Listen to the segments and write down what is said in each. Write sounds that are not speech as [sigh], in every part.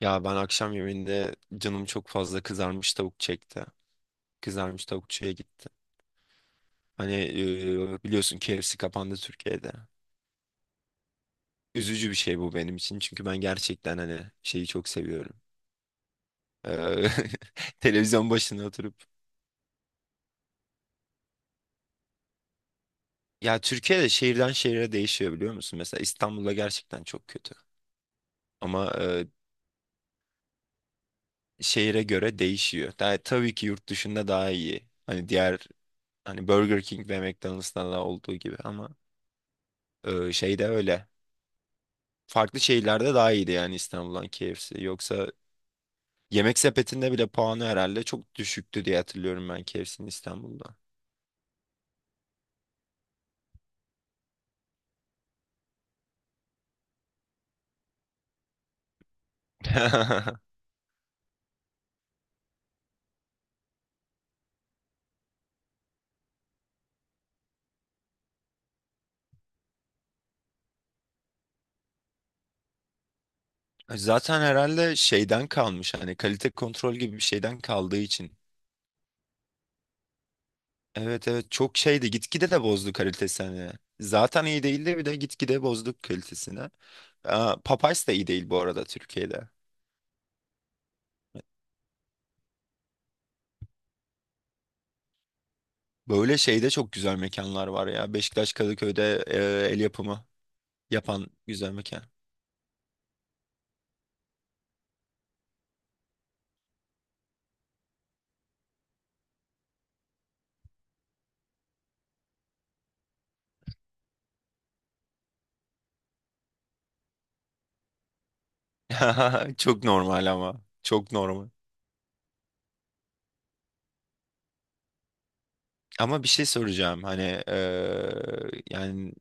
Ya ben akşam yemeğinde canım çok fazla kızarmış tavuk çekti. Kızarmış tavukçuya gitti. Hani biliyorsun KFC kapandı Türkiye'de. Üzücü bir şey bu benim için çünkü ben gerçekten hani şeyi çok seviyorum. Eee, [laughs] televizyon başına oturup. Ya Türkiye'de şehirden şehire değişiyor biliyor musun? Mesela İstanbul'da gerçekten çok kötü. Ama şehire göre değişiyor. Daha, tabii ki yurt dışında daha iyi. Hani diğer hani Burger King ve McDonald's'ta da olduğu gibi ama şeyde öyle. Farklı şehirlerde daha iyiydi yani İstanbul'dan KFC. Yoksa yemek sepetinde bile puanı herhalde çok düşüktü diye hatırlıyorum ben KFC'nin İstanbul'da. [laughs] Zaten herhalde şeyden kalmış hani kalite kontrol gibi bir şeyden kaldığı için. Evet evet çok şeydi, gitgide de bozdu kalitesini. Hani. Zaten iyi değildi, bir de gitgide bozduk kalitesini. Aa, Popeyes de iyi değil bu arada Türkiye'de. Böyle şeyde çok güzel mekanlar var ya. Beşiktaş Kadıköy'de el yapımı yapan güzel mekan. [laughs] Çok normal ama. Çok normal. Ama bir şey soracağım. Hani yani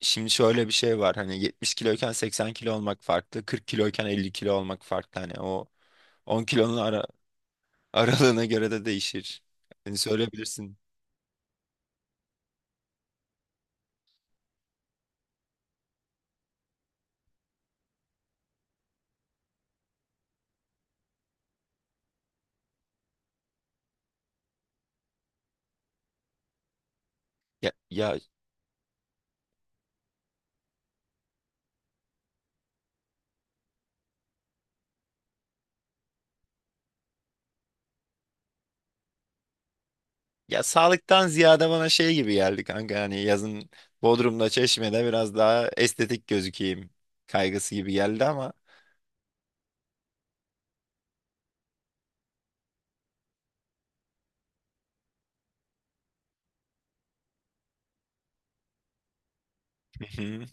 şimdi şöyle bir şey var. Hani 70 kiloyken 80 kilo olmak farklı. 40 kiloyken 50 kilo olmak farklı. Hani o 10 kilonun ara, aralığına göre de değişir. Hani söyleyebilirsin. Ya, ya, ya sağlıktan ziyade bana şey gibi geldi kanka. Hani yazın Bodrum'da, Çeşme'de biraz daha estetik gözükeyim kaygısı gibi geldi ama. [laughs]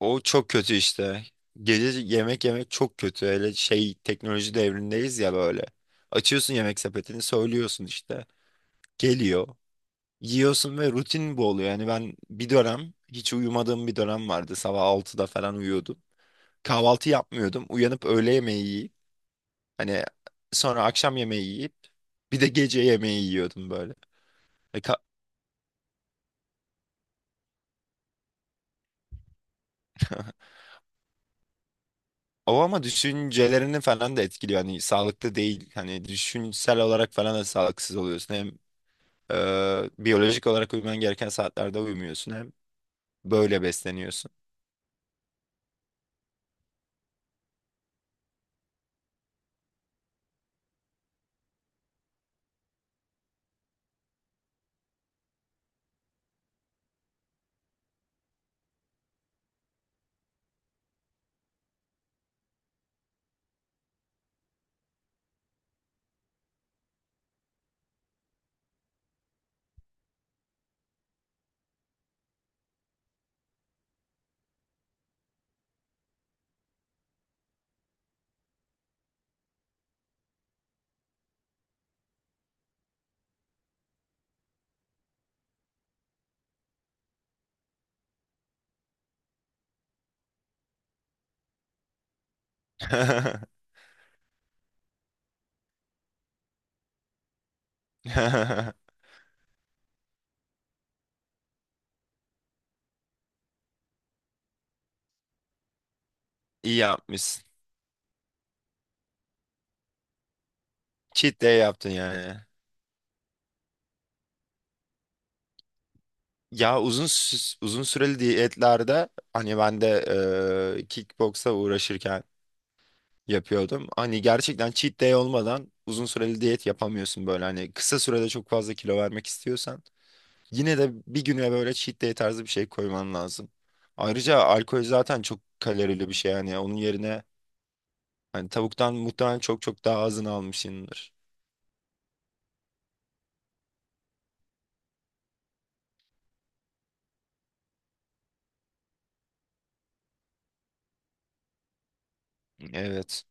O çok kötü işte. Gece yemek yemek çok kötü. Hele şey, teknoloji devrindeyiz ya böyle. Açıyorsun yemek sepetini, söylüyorsun işte. Geliyor. Yiyorsun ve rutin bu oluyor. Yani ben bir dönem hiç uyumadığım bir dönem vardı. Sabah altıda falan uyuyordum. Kahvaltı yapmıyordum. Uyanıp öğle yemeği yiyip hani sonra akşam yemeği yiyip bir de gece yemeği yiyordum böyle. E, ka- [laughs] O ama düşüncelerini falan da etkiliyor. Hani sağlıklı değil. Hani düşünsel olarak falan da sağlıksız oluyorsun. Hem biyolojik olarak uyuman gereken saatlerde uyumuyorsun, hem böyle besleniyorsun. [laughs] İyi yapmışsın. Cheat day yaptın yani. Ya uzun süreli diyetlerde hani ben de kickboksa uğraşırken yapıyordum. Hani gerçekten cheat day olmadan uzun süreli diyet yapamıyorsun, böyle hani kısa sürede çok fazla kilo vermek istiyorsan yine de bir güne böyle cheat day tarzı bir şey koyman lazım. Ayrıca alkol zaten çok kalorili bir şey yani onun yerine hani tavuktan muhtemelen çok çok daha azını almışsındır. Evet.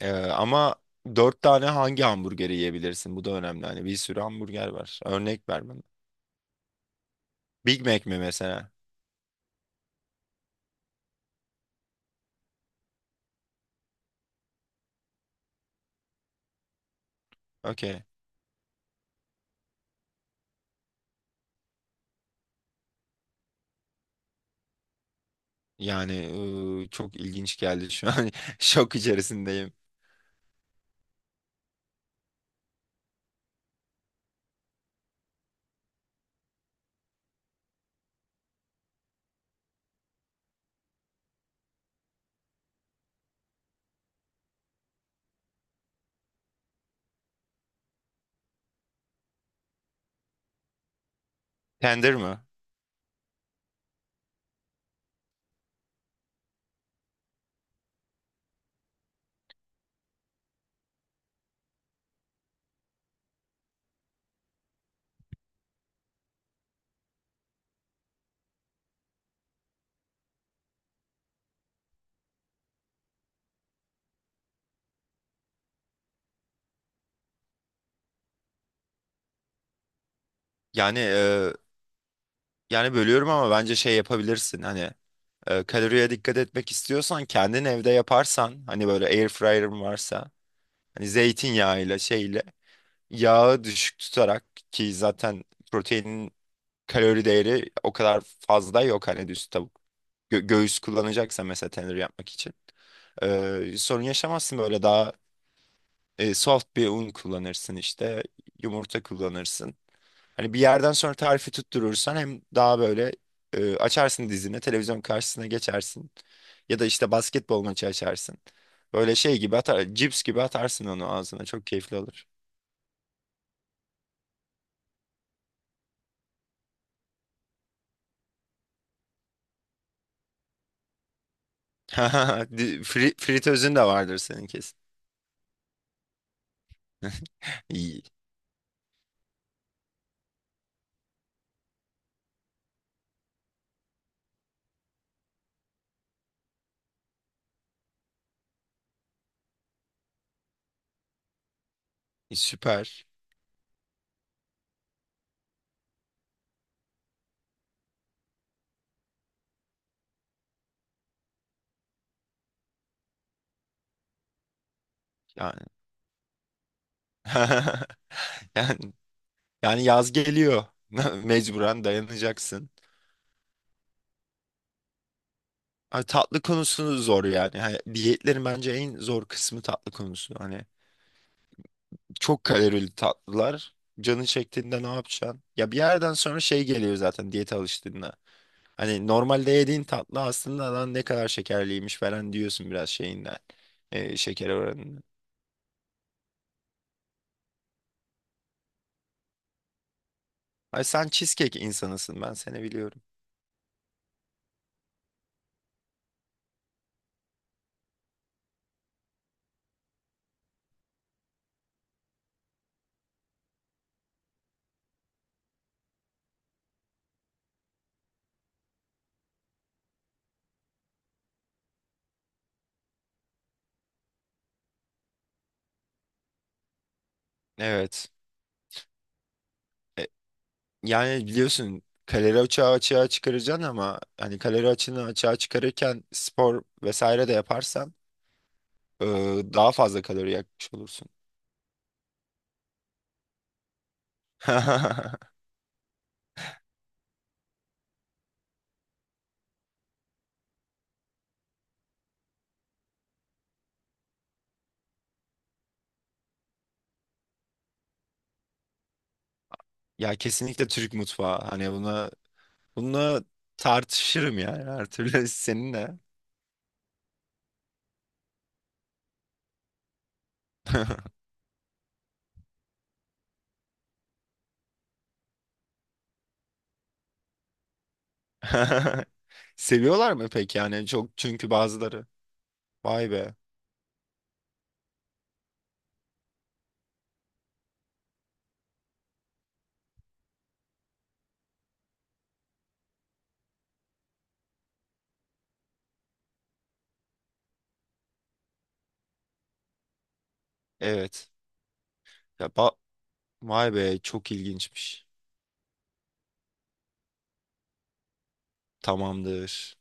Ama dört tane hangi hamburgeri yiyebilirsin? Bu da önemli. Hani bir sürü hamburger var. Örnek ver bana. Big Mac mi mesela? Okey. Yani çok ilginç geldi şu an. [laughs] Şok içerisindeyim. Tender mi? Yani yani bölüyorum ama bence şey yapabilirsin. Hani kaloriye dikkat etmek istiyorsan kendin evde yaparsan, hani böyle air fryer'ın varsa, hani zeytinyağıyla şeyle yağı düşük tutarak, ki zaten proteinin kalori değeri o kadar fazla yok, hani düz tavuk. Göğüs kullanacaksa mesela tenir yapmak için. Sorun yaşamazsın, böyle daha soft bir un kullanırsın işte, yumurta kullanırsın. Hani bir yerden sonra tarifi tutturursan hem daha böyle açarsın dizine, televizyon karşısına geçersin ya da işte basketbol maçı açarsın. Böyle şey gibi, atar cips gibi atarsın onu ağzına, çok keyifli olur. [laughs] Fritözün de vardır senin kesin. [laughs] İyi. Süper. Yani [laughs] yani yani yaz geliyor. [laughs] Mecburen dayanacaksın. Ay, tatlı konusunu zor yani. Hani diyetlerin bence en zor kısmı tatlı konusu. Hani çok kalorili tatlılar. Canın çektiğinde ne yapacaksın? Ya bir yerden sonra şey geliyor zaten diyete alıştığında. Hani normalde yediğin tatlı aslında lan ne kadar şekerliymiş falan diyorsun, biraz şeyinden. Şeker oranından. Ay sen cheesecake insanısın, ben seni biliyorum. Evet. E, yani biliyorsun kalori açığı açığa çıkaracaksın ama hani kalori açığını açığa çıkarırken spor vesaire de yaparsan e, daha fazla kalori yakmış olursun. [laughs] Ya kesinlikle Türk mutfağı. Hani buna bununla tartışırım yani her türlü [laughs] seninle. [laughs] Seviyorlar mı peki yani çok, çünkü bazıları. Vay be. Evet. Ya ba- vay be, çok ilginçmiş. Tamamdır.